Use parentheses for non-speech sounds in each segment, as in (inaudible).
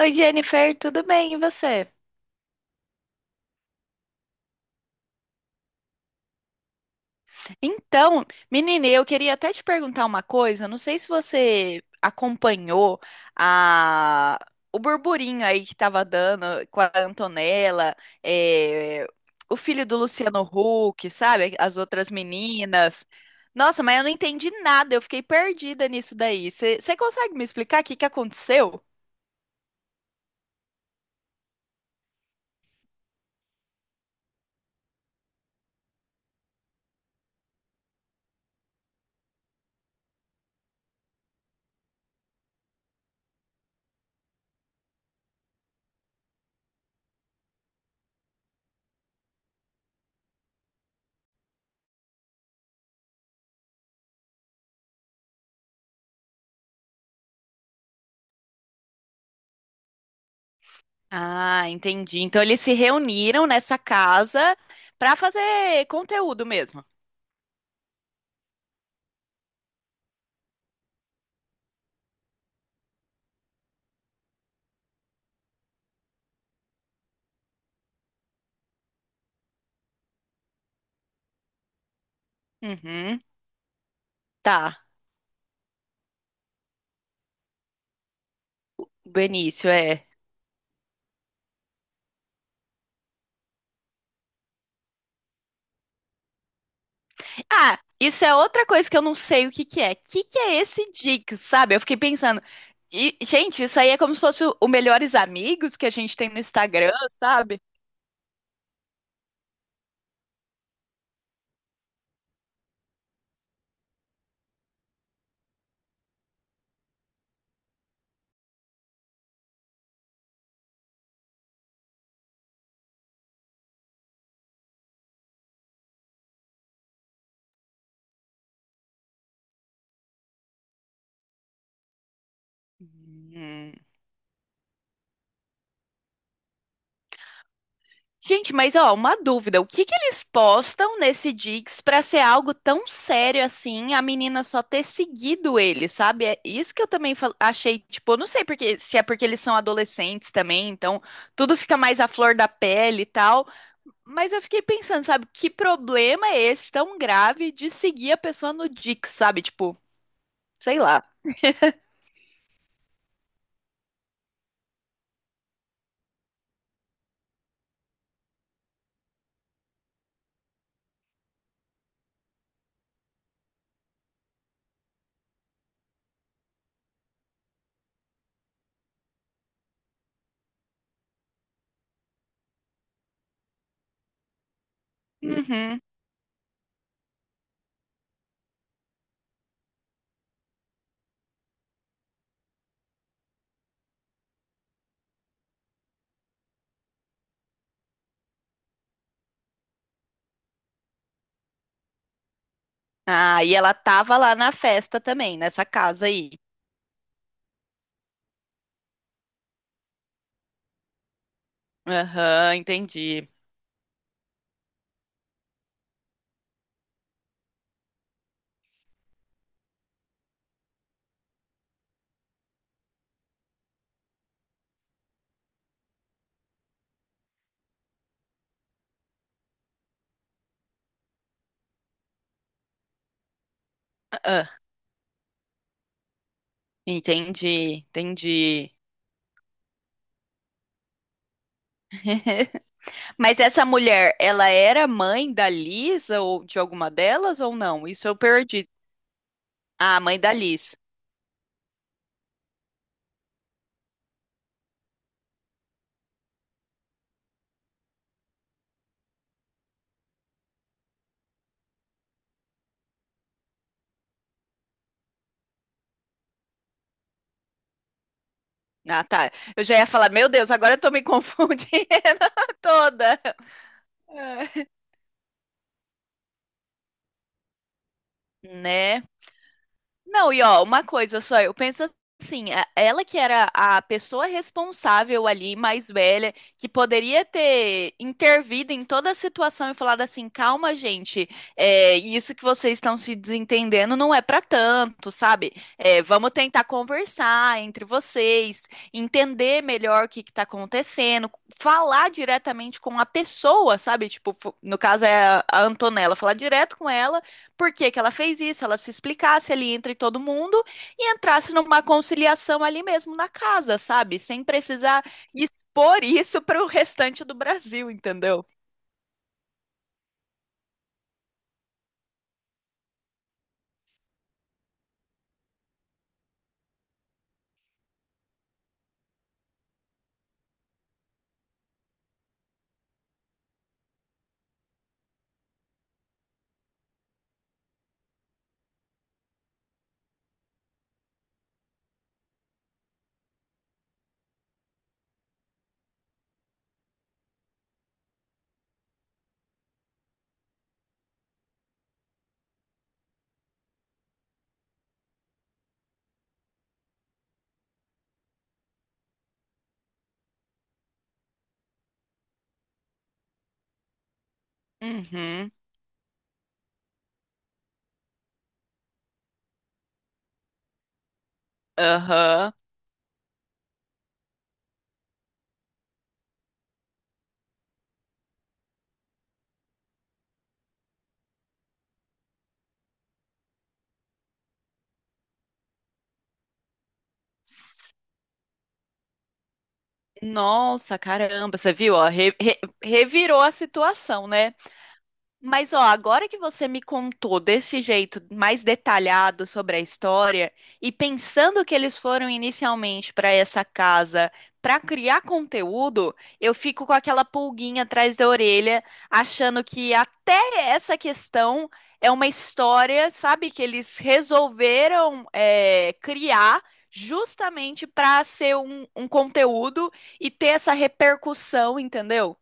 Oi, Jennifer, tudo bem? E você? Então, menina, eu queria até te perguntar uma coisa. Não sei se você acompanhou a... o burburinho aí que tava dando com a Antonella, eh, o filho do Luciano Huck, sabe? As outras meninas. Nossa, mas eu não entendi nada, eu fiquei perdida nisso daí. Você consegue me explicar o que que aconteceu? Ah, entendi. Então eles se reuniram nessa casa pra fazer conteúdo mesmo. Uhum. Tá. Benício, é. Ah, isso é outra coisa que eu não sei o que que é. Que é esse Dix, sabe? Eu fiquei pensando. E, gente, isso aí é como se fosse o Melhores Amigos que a gente tem no Instagram, sabe? Hum. Gente, mas ó, uma dúvida. O que que eles postam nesse Dix pra ser algo tão sério assim, a menina só ter seguido ele, sabe? É isso que eu também achei, tipo, eu não sei porque, se é porque eles são adolescentes também, então tudo fica mais à flor da pele e tal. Mas eu fiquei pensando, sabe, que problema é esse tão grave de seguir a pessoa no Dix, sabe? Tipo, sei lá. Uhum. Ah, e ela tava lá na festa também, nessa casa aí. Aham, entendi. Ah, entendi, entendi. Mas essa mulher, ela era mãe da Lisa ou de alguma delas ou não? Isso eu perdi. Ah, mãe da Liz. Ah, tá. Eu já ia falar, meu Deus, agora eu tô me (laughs) confundindo toda. É. Né? Não, e ó, uma coisa só, eu penso assim, ela que era a pessoa responsável ali, mais velha, que poderia ter intervido em toda a situação e falado assim, calma, gente, é, isso que vocês estão se desentendendo não é pra tanto, sabe? É, vamos tentar conversar entre vocês, entender melhor o que que tá acontecendo, falar diretamente com a pessoa, sabe? Tipo, no caso é a Antonella, falar direto com ela por que que ela fez isso, ela se explicasse ali entre todo mundo e entrasse numa conciliação ali mesmo na casa, sabe? Sem precisar expor isso para o restante do Brasil, entendeu? Uhum. Aham. Nossa, caramba, você viu? Ó, revirou a situação, né? Mas ó, agora que você me contou desse jeito mais detalhado sobre a história e pensando que eles foram inicialmente para essa casa para criar conteúdo, eu fico com aquela pulguinha atrás da orelha, achando que até essa questão é uma história, sabe, que eles resolveram é, criar justamente para ser um conteúdo e ter essa repercussão, entendeu?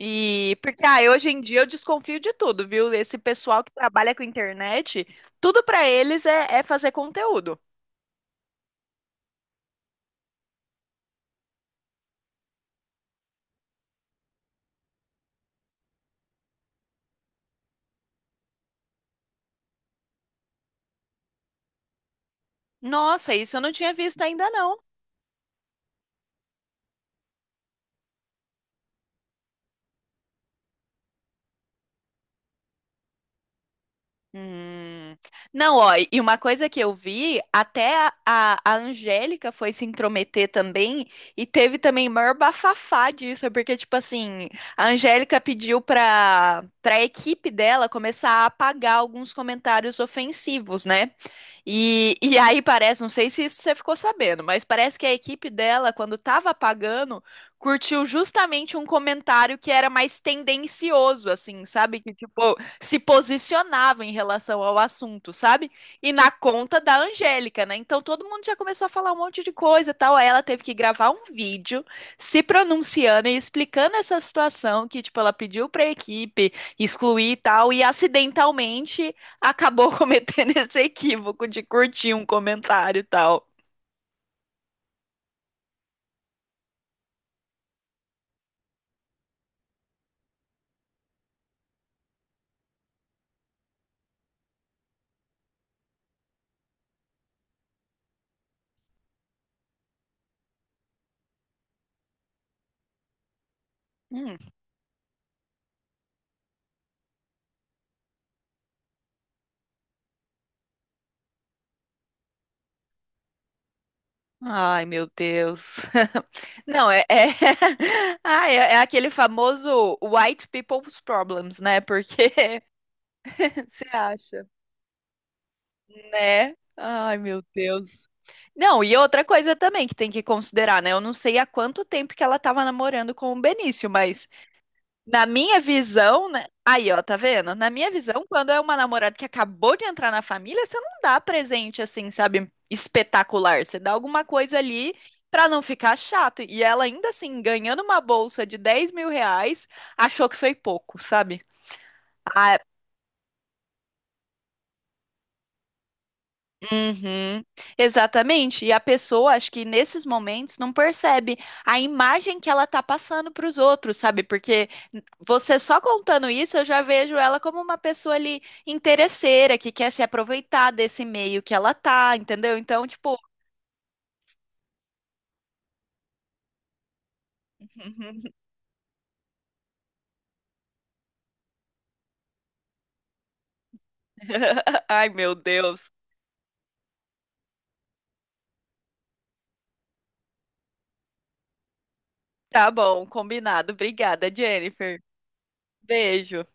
E porque ah, hoje em dia eu desconfio de tudo, viu? Esse pessoal que trabalha com internet, tudo pra eles é, é fazer conteúdo. Nossa, isso eu não tinha visto ainda não. Hum. Não, ó, e uma coisa que eu vi, até a Angélica foi se intrometer também, e teve também maior bafafá disso, é porque, tipo assim, a Angélica pediu pra equipe dela começar a apagar alguns comentários ofensivos, né? E aí parece, não sei se isso você ficou sabendo, mas parece que a equipe dela, quando tava apagando, curtiu justamente um comentário que era mais tendencioso, assim, sabe? Que, tipo, se posicionava em relação ao assunto, sabe? E na conta da Angélica, né? Então todo mundo já começou a falar um monte de coisa e tal. Aí ela teve que gravar um vídeo se pronunciando e explicando essa situação que, tipo, ela pediu pra equipe excluir e tal, e acidentalmente acabou (laughs) cometendo esse equívoco de curtir um comentário e tal. Hum. Ai, meu Deus. (laughs) Não, é, é... (laughs) Ah, é, é aquele famoso white people's problems, né? Porque (laughs) Você acha, né? Ai, meu Deus. Não, e outra coisa também que tem que considerar, né? Eu não sei há quanto tempo que ela estava namorando com o Benício, mas na minha visão, né? Aí, ó, tá vendo? Na minha visão, quando é uma namorada que acabou de entrar na família, você não dá presente assim, sabe? Espetacular. Você dá alguma coisa ali pra não ficar chato. E ela ainda assim, ganhando uma bolsa de 10 mil reais, achou que foi pouco, sabe? Uhum, exatamente. E a pessoa, acho que nesses momentos, não percebe a imagem que ela tá passando para os outros, sabe? Porque você só contando isso, eu já vejo ela como uma pessoa ali interesseira, que quer se aproveitar desse meio que ela tá, entendeu? Então, tipo. (laughs) Ai, meu Deus. Tá bom, combinado. Obrigada, Jennifer. Beijo.